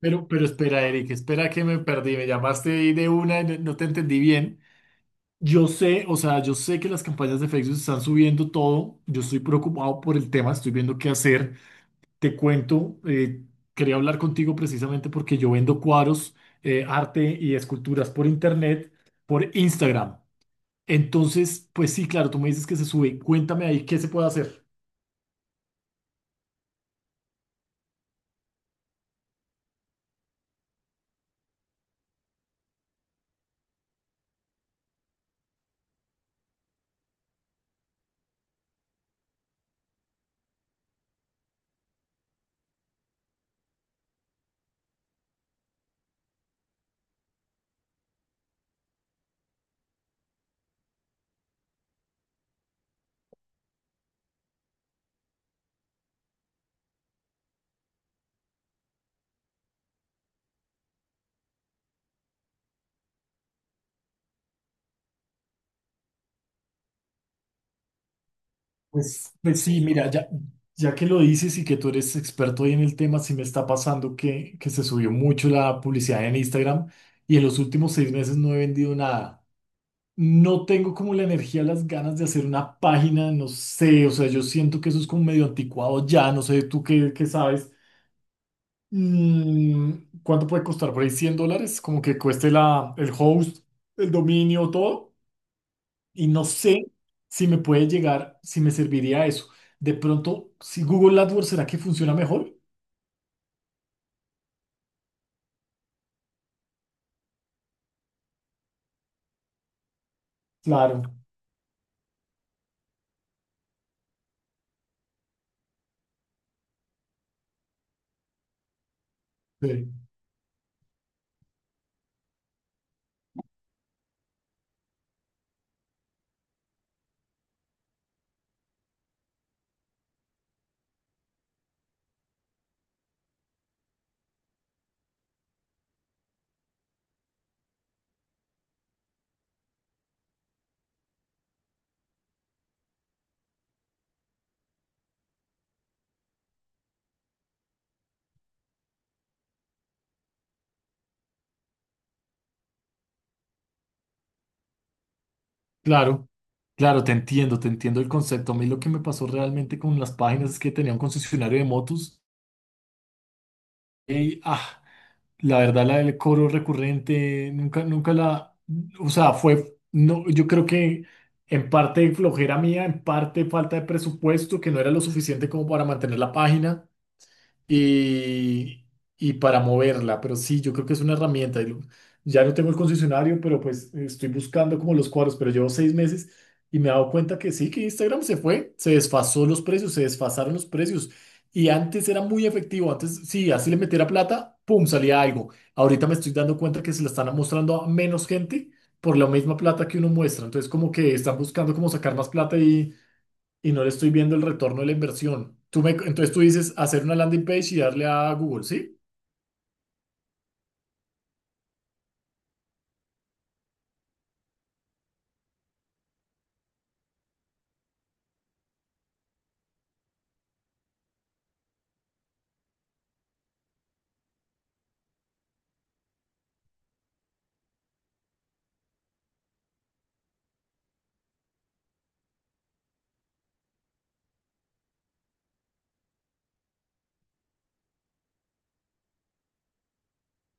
Pero espera, Eric, espera que me perdí. Me llamaste ahí de una y no te entendí bien. Yo sé, o sea, yo sé que las campañas de Facebook están subiendo todo. Yo estoy preocupado por el tema, estoy viendo qué hacer. Te cuento, quería hablar contigo precisamente porque yo vendo cuadros, arte y esculturas por internet, por Instagram. Entonces, pues sí, claro, tú me dices que se sube. Cuéntame ahí qué se puede hacer. Pues sí, mira, ya que lo dices y que tú eres experto ahí en el tema, sí me está pasando que se subió mucho la publicidad en Instagram y en los últimos 6 meses no he vendido nada. No tengo como la energía, las ganas de hacer una página, no sé, o sea, yo siento que eso es como medio anticuado ya, no sé, tú qué sabes. Mm, ¿Cuánto puede costar por ahí? ¿$100? Como que cueste el host, el dominio, todo y no sé si me puede llegar, si me serviría eso. De pronto, si Google AdWords, ¿será que funciona mejor? Claro, sí, claro, claro, te entiendo el concepto. A mí lo que me pasó realmente con las páginas es que tenía un concesionario de motos y, ah, la verdad, la del cobro recurrente, nunca, nunca la, o sea, fue, no, yo creo que en parte flojera mía, en parte falta de presupuesto, que no era lo suficiente como para mantener la página. y, y para moverla. Pero sí, yo creo que es una herramienta. Ya no tengo el concesionario, pero pues estoy buscando como los cuadros, pero llevo 6 meses y me he dado cuenta que sí, que Instagram se fue, se desfasaron los precios. Y antes era muy efectivo, antes sí, así le metiera plata, pum, salía algo. Ahorita me estoy dando cuenta que se la están mostrando a menos gente por la misma plata que uno muestra. Entonces como que están buscando como sacar más plata y no le estoy viendo el retorno de la inversión. Entonces tú dices hacer una landing page y darle a Google, ¿sí?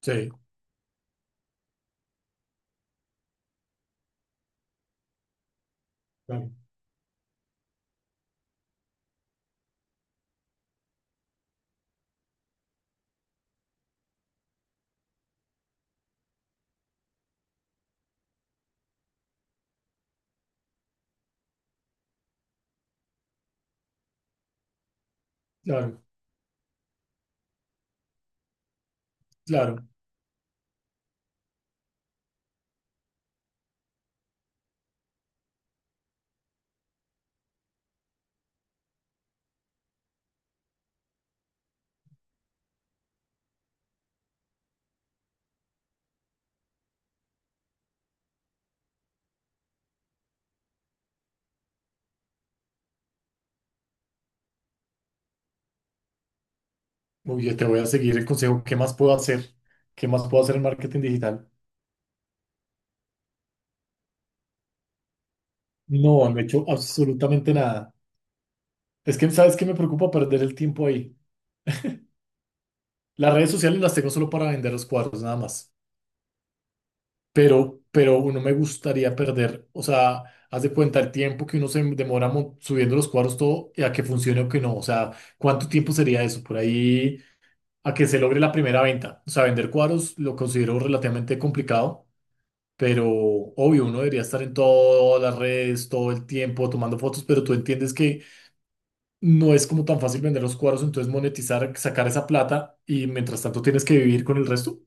Sí, claro, claro, claro. Muy bien, te voy a seguir el consejo. ¿Qué más puedo hacer? ¿Qué más puedo hacer en marketing digital? No, no he hecho absolutamente nada. Es que, ¿sabes qué? Me preocupa perder el tiempo ahí. Las redes sociales las tengo solo para vender los cuadros, nada más. Pero no me gustaría perder, o sea, haz de cuenta el tiempo que uno se demora subiendo los cuadros todo y a que funcione o que no. O sea, ¿cuánto tiempo sería eso? Por ahí. A que se logre la primera venta. O sea, vender cuadros lo considero relativamente complicado, pero obvio, uno debería estar en todas las redes todo el tiempo tomando fotos, pero tú entiendes que no es como tan fácil vender los cuadros, entonces monetizar, sacar esa plata y mientras tanto tienes que vivir con el resto.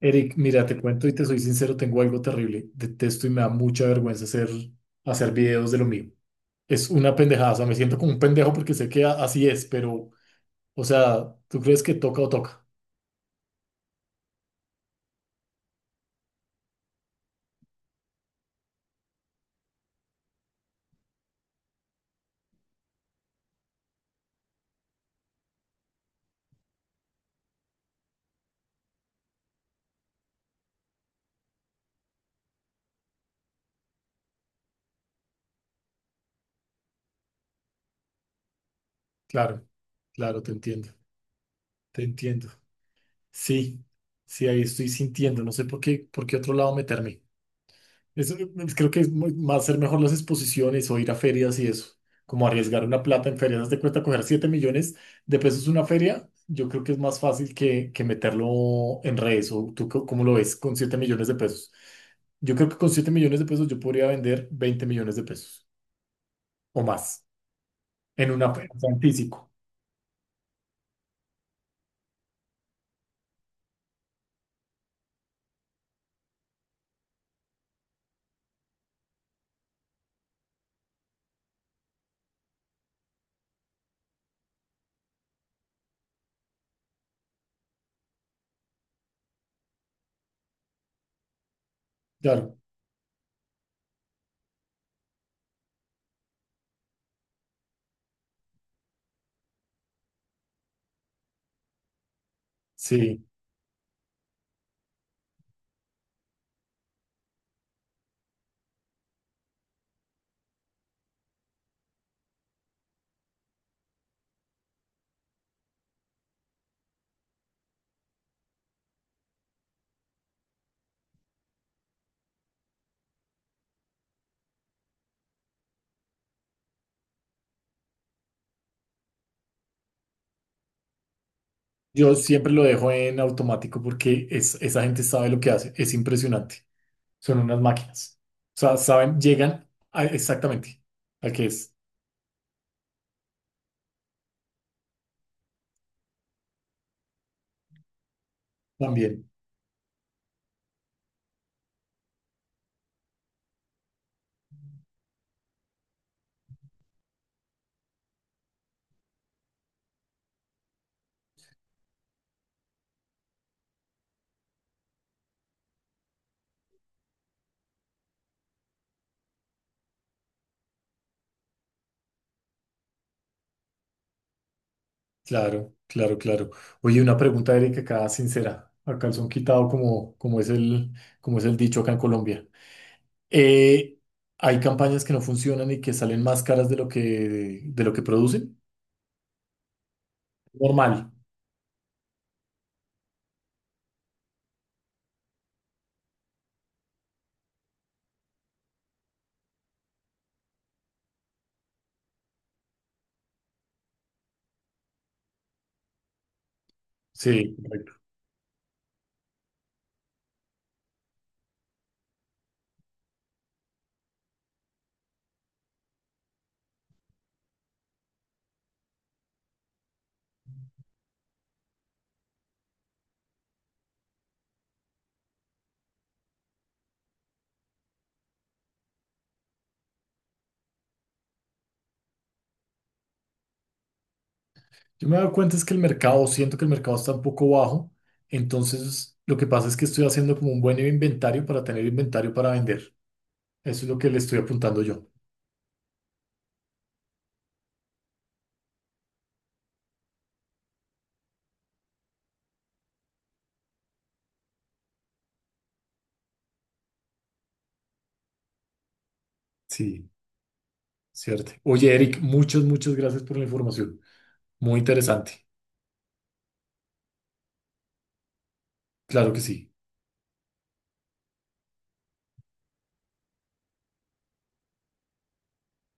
Eric, mira, te cuento y te soy sincero, tengo algo terrible. Detesto y me da mucha vergüenza hacer, hacer videos de lo mío. Es una pendejada, o sea, me siento como un pendejo porque sé que así es, pero, o sea, ¿tú crees que toca o toca? Claro, claro, te entiendo, te entiendo. Sí, sí, ahí estoy sintiendo, no sé por qué otro lado meterme. Eso, eh, creo que es más ser mejor las exposiciones o ir a ferias y eso, como arriesgar una plata en ferias, haz de cuenta coger 7 millones de pesos una feria, yo creo que es más fácil que meterlo en redes o tú cómo lo ves con 7 millones de pesos. Yo creo que con 7 millones de pesos yo podría vender 20 millones de pesos o más en una feria, o sea, en físico. Claro, sí. Yo siempre lo dejo en automático porque es, esa gente sabe lo que hace. Es impresionante. Son unas máquinas. O sea, saben, llegan exactamente a qué es. También. Claro, claro, claro. Oye, una pregunta, Erika, acá sincera. A calzón quitado, como es como es el dicho acá en Colombia. Eh, ¿Hay campañas que no funcionan y que salen más caras de lo de lo que producen? Normal. Sí, yo me he dado cuenta es que el mercado, siento que el mercado está un poco bajo, entonces lo que pasa es que estoy haciendo como un buen inventario para tener inventario para vender. Eso es lo que le estoy apuntando yo, sí. ¿Cierto? Oye, Eric, muchas gracias por la información. Muy interesante. Claro que sí.